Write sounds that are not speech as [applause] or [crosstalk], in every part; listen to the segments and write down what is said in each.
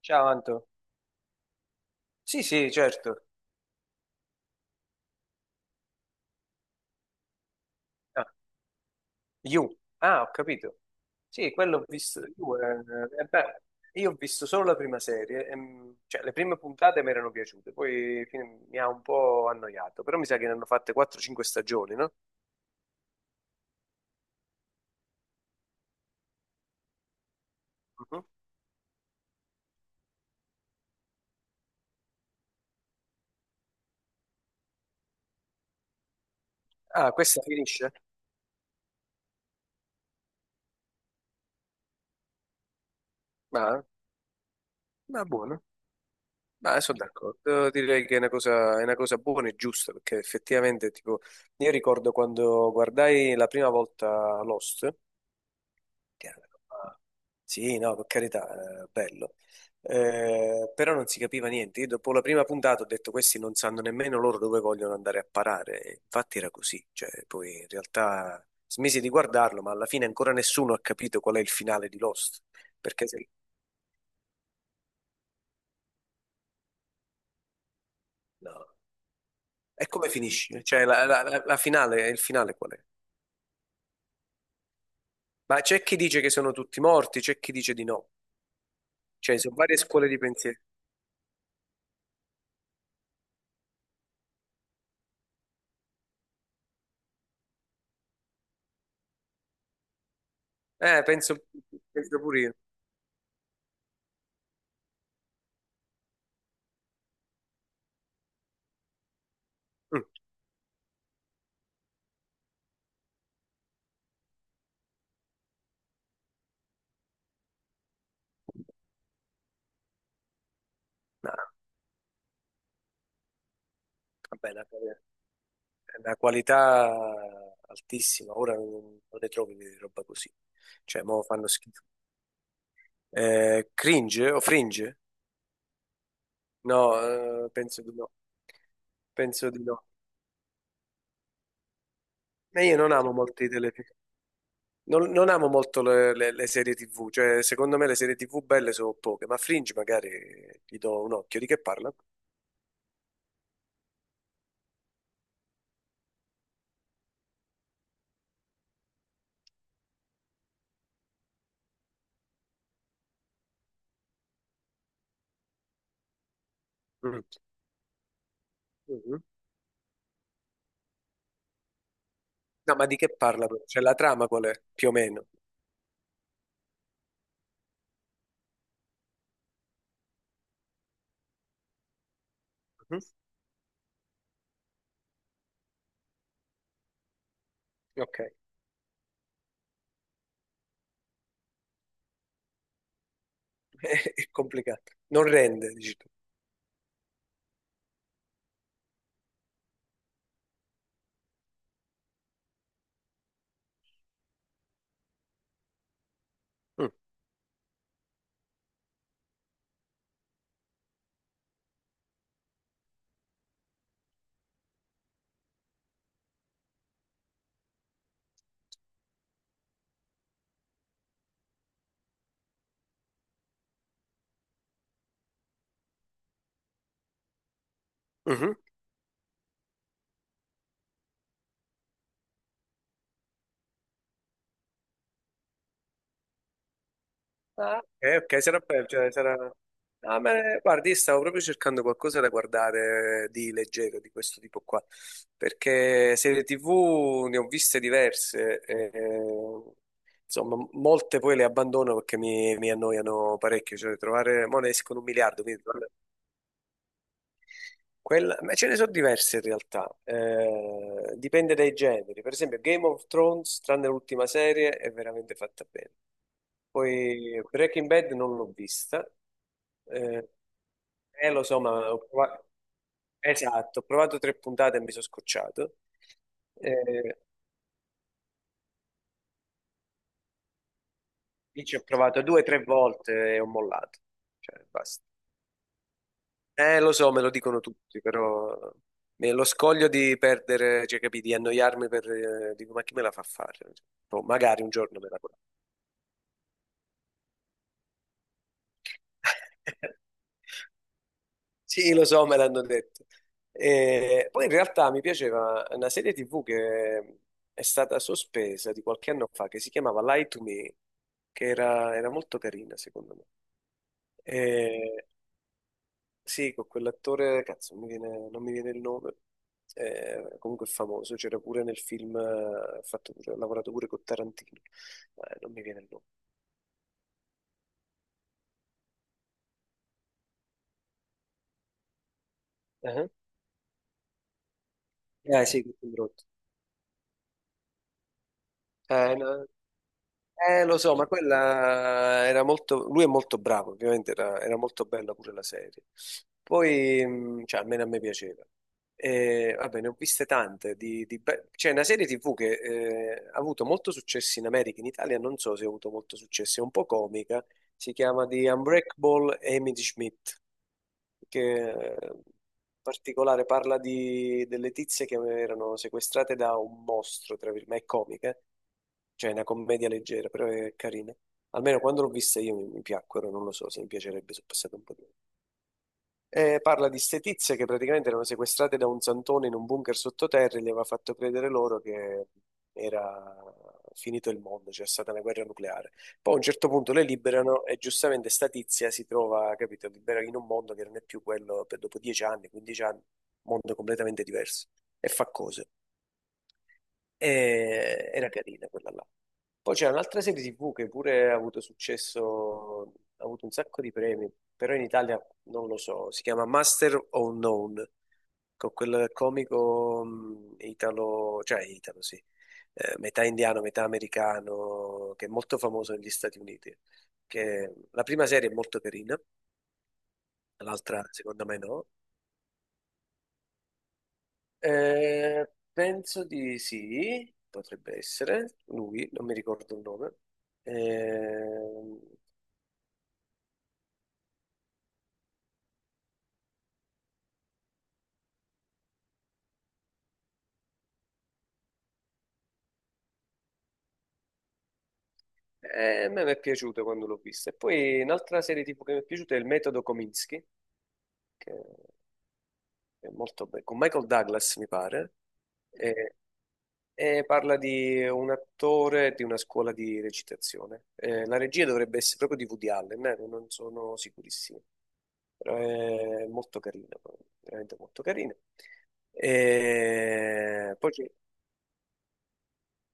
Ciao Anto. Sì, sì, certo. Ah, You. Ah, ho capito. Sì, quello ho visto. You, beh, io ho visto solo la prima serie, cioè le prime puntate mi erano piaciute, poi mi ha un po' annoiato, però mi sa che ne hanno fatte 4-5 stagioni, no? Mhm. Ah, questa finisce? Ma, ma buono. Ma sono d'accordo, direi che è una cosa buona e giusta, perché effettivamente, tipo, io ricordo quando guardai la prima volta Lost, che era una roba- sì, no, per carità, bello. Però non si capiva niente. Io dopo la prima puntata ho detto questi non sanno nemmeno loro dove vogliono andare a parare. E infatti era così, cioè, poi in realtà smisi di guardarlo, ma alla fine ancora nessuno ha capito qual è il finale di Lost. Perché se... No. E come finisce? Cioè, il finale qual è? Ma c'è chi dice che sono tutti morti, c'è chi dice di no. Cioè, sono varie scuole di pensiero. Eh, penso, penso pure io. Mm, no, va bene, è una qualità altissima. Ora non ne trovi di roba così. Cioè, mo fanno schifo. Cringe o fringe? No, penso di no. Penso di no. E io non amo molti telefilm. Non amo molto le serie TV, cioè secondo me le serie TV belle sono poche, ma Fringe magari gli do un occhio. Di che parla? Mm. Mhm. No, ma di che parla? Però? Cioè la trama qual è? Più o meno. Mhm. Ok, [laughs] è complicato. Non rende, dici tu. Mm. Mhm. Ah, ok, ok, sarà per, cioè, sarà. Ah, ma guardi, io stavo proprio cercando qualcosa da guardare di leggero, di questo tipo qua, perché serie TV ne ho viste diverse, insomma, molte poi le abbandono perché mi annoiano parecchio, cioè trovare, mo ne escono un miliardo, quindi ma ce ne sono diverse in realtà, dipende dai generi. Per esempio, Game of Thrones, tranne l'ultima serie, è veramente fatta bene. Poi Breaking Bad non l'ho vista, eh, lo so, ma ho provato, esatto, ho provato tre puntate e mi sono scocciato. Eh, lì ci ho provato due o tre volte e ho mollato. Cioè, basta. Lo so, me lo dicono tutti, però lo scoglio di perdere, cioè, capì, di annoiarmi dico, ma chi me la fa fare? Boh, magari un giorno me la farà. [laughs] Sì, lo so, me l'hanno detto. E poi in realtà mi piaceva una serie TV che è stata sospesa di qualche anno fa, che si chiamava Lie to Me, che era molto carina, secondo me. E sì, con quell'attore, cazzo, non mi viene il nome, comunque è famoso, c'era pure nel film, ha lavorato pure con Tarantino. Non mi viene il nome. Eh, Eh sì, Martin Brod. No, lo so, ma quella era molto. Lui è molto bravo, ovviamente era molto bella pure la serie. Poi, cioè, almeno a me piaceva. E, vabbè, ne ho viste tante. C'è una serie TV che ha avuto molto successo in America, in Italia non so se ha avuto molto successo, è un po' comica. Si chiama The Unbreakable Amy Schmidt, che in particolare parla delle tizie che erano sequestrate da un mostro, tra virgolette, ma è comica. Cioè, è una commedia leggera, però è carina. Almeno quando l'ho vista io mi piacquero, non lo so se mi piacerebbe se è passato un po' di tempo. Parla di ste tizie che praticamente erano sequestrate da un santone in un bunker sottoterra e gli aveva fatto credere loro che era finito il mondo, c'era stata una guerra nucleare. Poi a un certo punto le liberano e giustamente sta tizia si trova, capito, libera in un mondo che non è più quello per dopo 10 anni, 15 anni, mondo completamente diverso e fa cose. Era carina quella là. Poi c'è un'altra serie TV che pure ha avuto successo, ha avuto un sacco di premi, però in Italia non lo so, si chiama Master of None, con quel comico italo, cioè italo sì, metà indiano, metà americano, che è molto famoso negli Stati Uniti. Che la prima serie è molto carina, l'altra secondo me no. Eh, penso di sì, potrebbe essere lui, non mi ricordo il nome. Ehm, a me mi è piaciuto quando l'ho vista. E poi un'altra serie tipo che mi è piaciuta è Il metodo Kominsky, che è molto bella, con Michael Douglas, mi pare, e, e parla di un attore di una scuola di recitazione. La regia dovrebbe essere proprio di Woody Allen, non sono sicurissimo, però è molto carina, veramente molto carina. E poi c'è,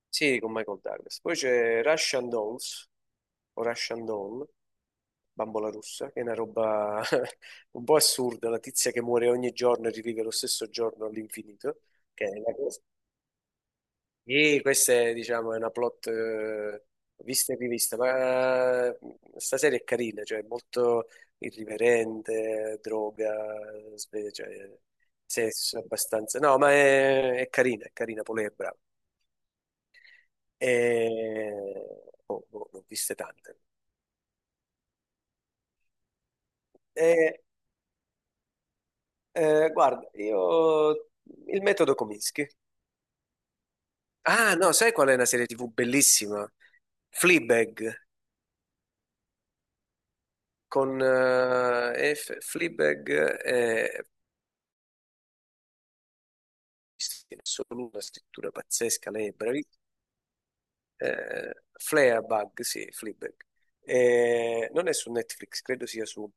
sì, con Michael Douglas. Poi c'è Russian Dolls, o Russian Doll, Bambola russa, che è una roba [laughs] un po' assurda, la tizia che muore ogni giorno e rivive lo stesso giorno all'infinito, che è una cosa. E questa è, diciamo, è una plot vista e rivista, ma sta serie è carina, cioè è molto irriverente, droga, cioè, sesso abbastanza. No, ma è carina, è carina, poi lei è brava. E... Oh, boh, ne ho viste tante. E, guarda, io il metodo Kominsky. Ah, no, sai qual è una serie TV bellissima? Fleabag, con Fleabag è in assoluto una scrittura pazzesca, Fleabag, sì, Fleabag. Non è su Netflix, credo sia su,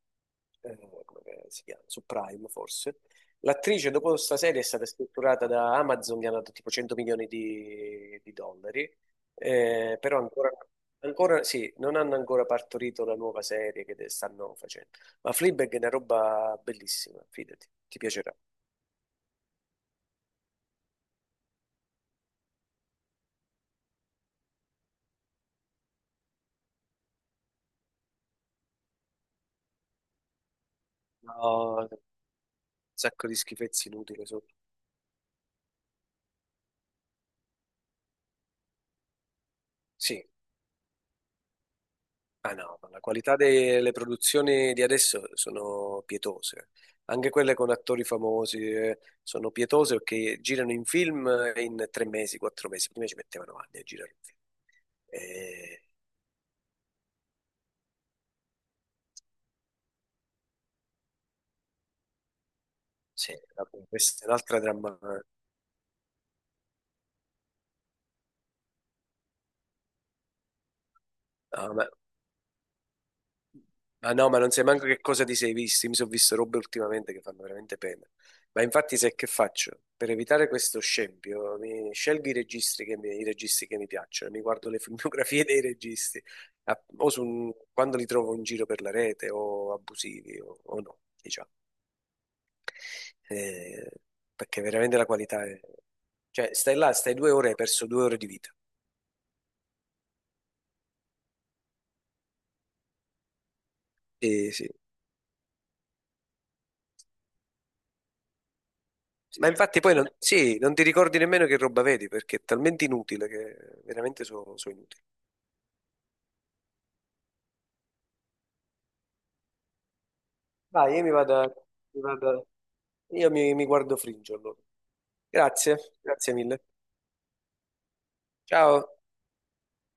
eh, come che si chiama? Su Prime forse. L'attrice dopo questa serie è stata strutturata da Amazon, gli hanno dato tipo 100 milioni di dollari, però ancora, ancora sì, non hanno ancora partorito la nuova serie che stanno facendo. Ma Fleabag è una roba bellissima, fidati, ti piacerà. No, un sacco di schifezze inutili sotto. Sì, ah no, ma la qualità delle produzioni di adesso sono pietose, anche quelle con attori famosi sono pietose perché girano in film in 3 mesi, 4 mesi, prima ci mettevano anni a girare un film. E, sì, vabbè, questa è un'altra dramma. Ah no, ma non sai manco che cosa ti sei visto. Io Mi sono visto robe ultimamente che fanno veramente pena. Ma infatti, sai che faccio? Per evitare questo scempio, mi scelgo i registi che mi piacciono, mi guardo le filmografie [laughs] dei registi, quando li trovo in giro per la rete, o abusivi, o no, diciamo. Eh, perché veramente la qualità è. Cioè, stai là, stai 2 ore, e hai perso 2 ore di vita. Sì, sì, sì. Ma infatti poi non, sì, non ti ricordi nemmeno che roba vedi, perché è talmente inutile che veramente sono inutili. Vai, io mi vado, a- mi vado a- io mi guardo Fringe allora. Grazie, grazie mille. Ciao.